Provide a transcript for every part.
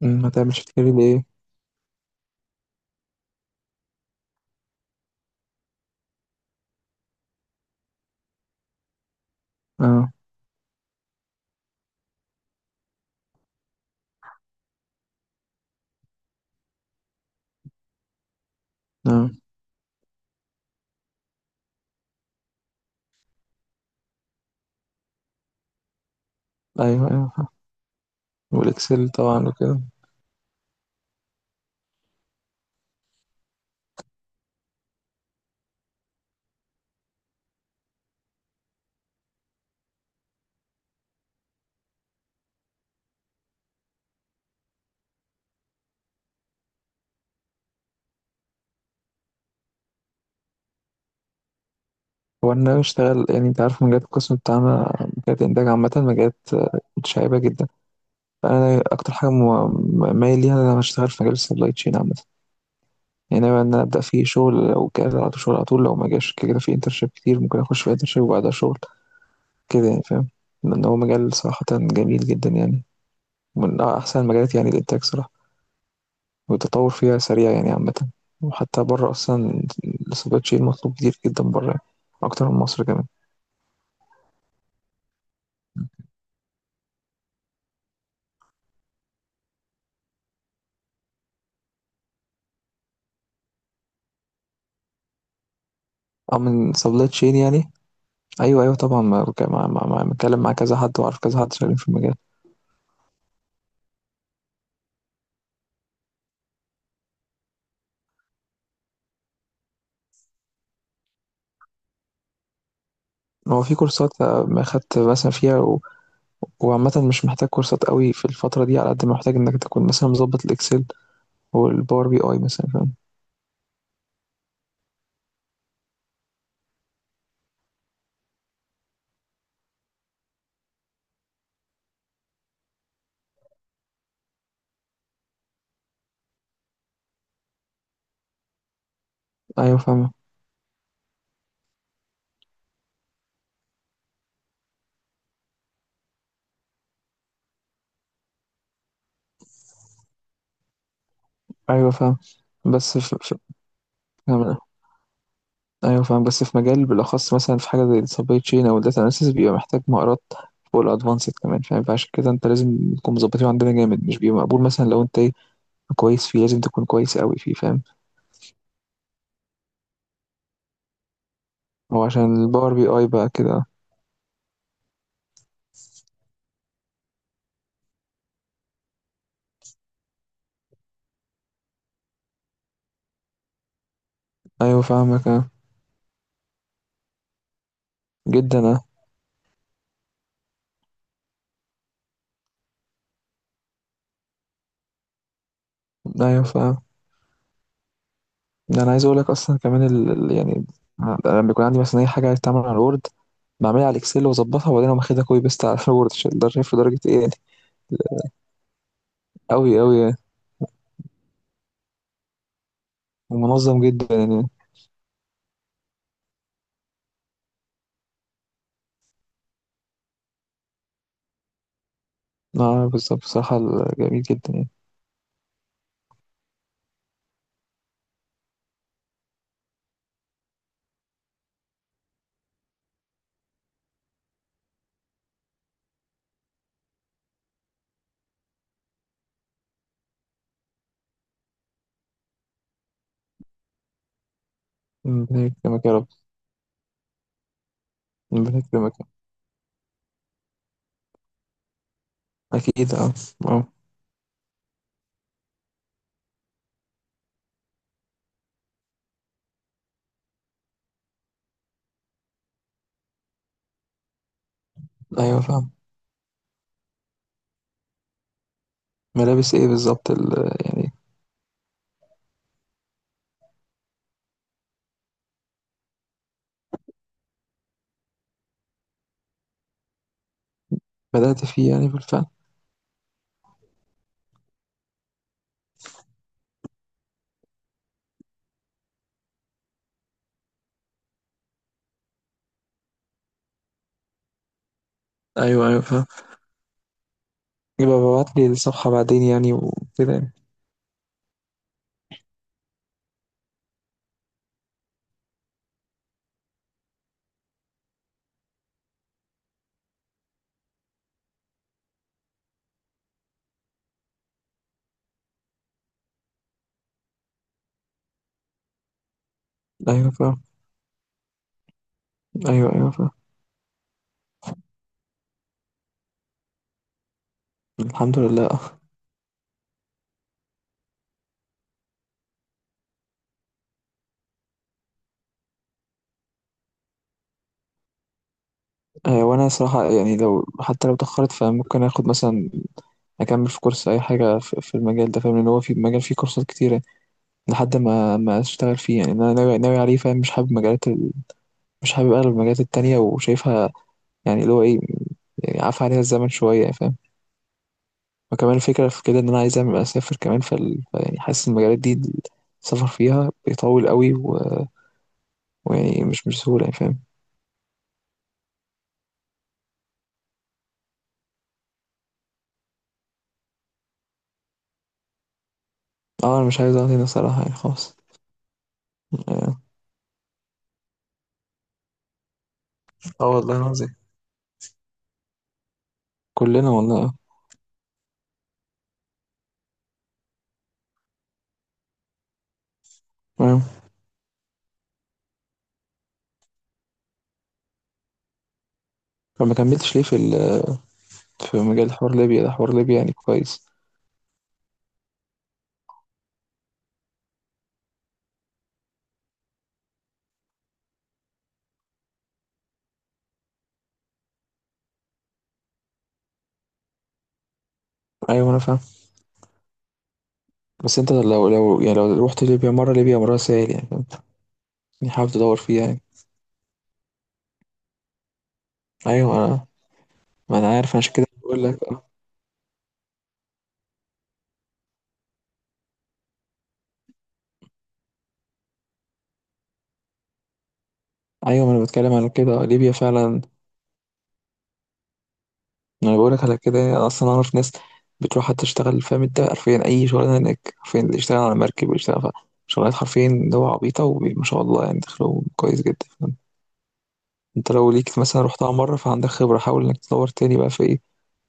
مم، ما تعملش تجاري لإيه؟ آه، آه، أيوه، أيوه فاهم، والإكسل طبعًا وكده. هو أنا باشتغل، يعني أنت عارف مجالات القسم بتاعنا، مجالات الإنتاج عامةً، مجالات متشعبة جدًا، فأنا أكتر حاجة م م مايل ليها إن أنا هاشتغل في مجال الsupply chain عامةً، يعني ناوي إن أنا أبدأ فيه شغل، لو جه على طول شغل على طول، لو ما جاش كده كده في internship كتير ممكن أخش في internship وبعدها شغل، كده يعني فاهم؟ لأن هو مجال صراحةً جميل جدًا يعني، من أحسن المجالات يعني الإنتاج صراحة. والتطور فيها سريع يعني عامة، وحتى بره أصلا السبلاي تشين مطلوب كتير جدا بره يعني، أكتر من مصر كمان. أو من سبلاي تشين يعني. أيوه أيوه طبعا، ما متكلم مع كذا حد، وعارف كذا حد شغالين في المجال. هو في كورسات، ما خدت مثلا فيها وعامة مش محتاج كورسات قوي في الفترة دي، على قد ما محتاج إنك تكون مثلا مظبط الإكسل والباور بي أي مثلا، فاهم. أيوه فاهم. أيوه فاهم بس ف... أيوه فاهم، بس في مجال بالأخص مثلا في حاجة زي السبلاي تشين أو الداتا أناليسيس، بيبقى محتاج مهارات فوق الأدفانسد كمان، فاهم، فعشان كده أنت لازم تكون مظبطين عندنا جامد، مش بيبقى مقبول مثلا لو أنت إيه كويس فيه، لازم تكون كويس أوي فيه، فاهم. هو عشان الباور بي أي بقى كده. أيوه فاهمك، أه. جدا أه. أيوه فاهم. ده أنا عايز أقولك أصلا كمان يعني أنا لما بيكون عندي مثلا أي حاجة عايز تعمل على الوورد، بعملها على الإكسل وأظبطها وبعدين أقوم واخدها كوبي بيست على الوورد، عشان ده شايف درجة إيه يعني. أوي أوي يعني. ومنظم جدا يعني. اه بالظبط، بصراحة جميل جدا يعني. ربنا يكرمك يا رب. ربنا يكرمك. أكيد اه. اه أيوه فاهم. ملابس إيه بالظبط يعني. بدأت فيه يعني بالفعل. أيوه أيوه فاهم. يبقى ببعت لي الصفحة بعدين يعني وكده يعني. أيوه فاهم. أيوه أيوه فاهم. الحمد لله. آه وأنا صراحة يعني لو حتى لو اتأخرت، فممكن آخد مثلا، أكمل في كورس أي حاجة في المجال ده، فاهم، إن هو في مجال فيه كورسات كتيرة لحد ما أشتغل فيه يعني. أنا ناوي عليه، فاهم، مش حابب مجالات، مش حابب أنا المجالات التانية وشايفها، يعني اللي هو إيه، يعني عفى عليها الزمن شوية، فاهم. وكمان الفكرة في كده إن أنا عايز أسافر كمان، يعني حاسس المجالات دي السفر فيها بيطول قوي، ويعني مش سهولة يعني، فاهم. اه أنا مش عايز أقعد هنا صراحة يعني، خلاص. اه آه والله العظيم. كلنا والله. اه فما كملتش ليه في مجال حوار ليبيا ده؟ حوار ليبيا يعني كويس. أيوة أنا فاهم، بس أنت لو يعني لو رحت ليبيا مرة، ليبيا مرة سهل يعني، فاهم، يعني حابب تدور فيها يعني. أيوة أنا، ما أنا عارف عشان كده بقول لك. ايوه ما انا بتكلم على كده، ليبيا فعلا. انا بقولك على كده، انا اصلا اعرف ناس بتروح تشتغل، فاهم، انت حرفيا اي شغلانه هناك، حرفيا اللي يشتغل على مركب ويشتغل في شغلات حرفيا اللي هو عبيطه وما شاء الله، يعني دخلهم كويس جدا، فاهم. انت لو ليك مثلا رحتها مره فعندك خبره، حاول انك تدور تاني بقى في ايه،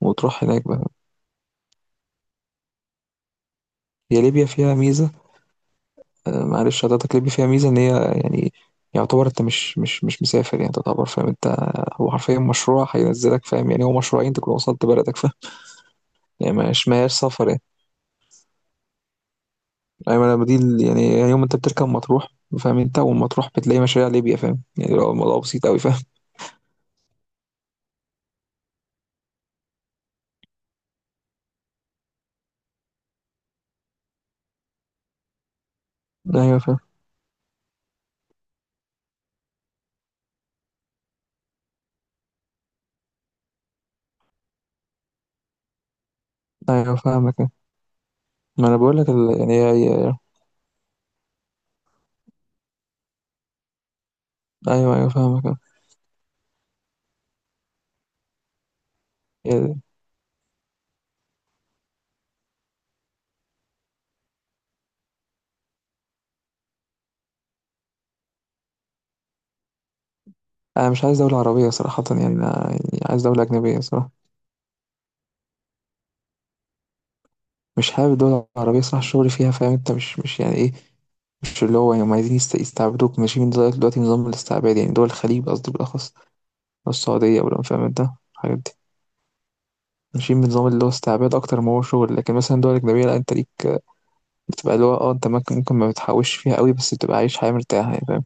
وتروح هناك بقى. هي ليبيا فيها ميزه. معلش حضرتك، ليبيا فيها ميزه ان هي يعني، يعتبر انت مش مسافر يعني، تعتبر فاهم انت، هو حرفيا مشروع هينزلك، فاهم، يعني هو مشروعين تكون وصلت بلدك، فاهم، يعني مش ماهياش سفر. ايوه انا دي يعني يوم انت بتركب مطروح، فاهم انت والمطروح بتلاقي مشاريع ليبيا، فاهم يعني، لو الموضوع بسيط قوي، فاهم. ايوه فاهم. ايوه فاهمك. ما انا بقول لك ايوه ايوه فاهمك. يعني انا مش عايز دولة عربية صراحة، يعني انا يعني عايز دولة أجنبية صراحة. مش حابب الدول العربية صراحة، الشغل فيها فاهم انت، مش يعني ايه، مش اللي هو يعني، هم عايزين يستعبدوك، ماشي، من دلوقتي دلوقتي نظام الاستعباد، يعني دول الخليج قصدي بالأخص، أو السعودية، ولا فاهم انت الحاجات دي ماشيين بنظام اللي هو استعباد أكتر ما هو شغل. لكن مثلا دول أجنبية لا، انت ليك بتبقى اللي هو اه، انت ممكن، ممكن ما بتحوش فيها قوي بس بتبقى عايش حياة مرتاحة يعني، فاهم.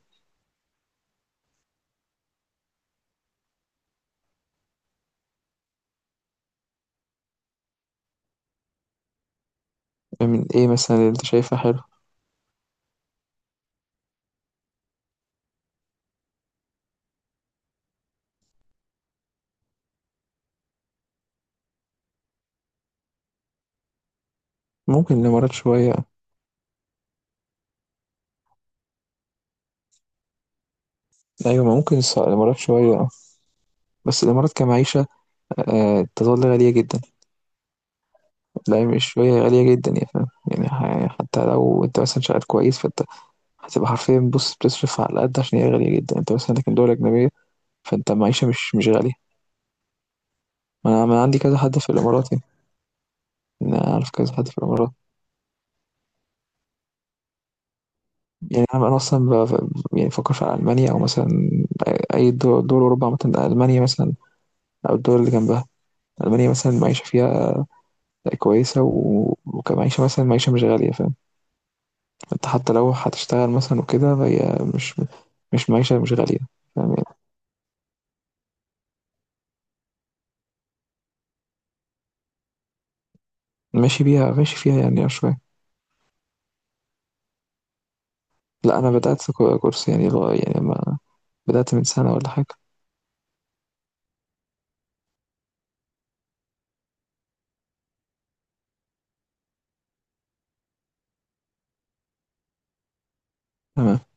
من ايه مثلا اللي انت شايفها حلو؟ ممكن الإمارات شوية. أيوة ما ممكن الإمارات شوية اه. بس الإمارات كمعيشة آه تظل غالية جدا. لا مش شوية، غالية جدا يا فاهم، يعني يعني حتى لو أنت مثلا شغال كويس فأنت هتبقى حرفيا بص بتصرف على قد، عشان هي غالية جدا أنت مثلا، لكن دول أجنبية فأنت معيشة مش غالية. ما أنا عندي كذا حد في الإمارات يعني، أنا أعرف كذا حد في الإمارات. يعني أنا اصلا يعني بفكر في المانيا او مثلا اي دول اوروبا مثلا، المانيا مثلا، او الدول اللي جنبها. المانيا مثلا المعيشه فيها كويسه، وكمعيشه مثلا معيشه مش غاليه، فاهم، انت حتى لو هتشتغل مثلا وكده فهي مش معيشه مش غاليه، فاهم يعني. ماشي بيها، ماشي فيها يعني شويه. لا انا بدات كورس يعني يعني ما، بدات من سنه ولا حاجه. تمام.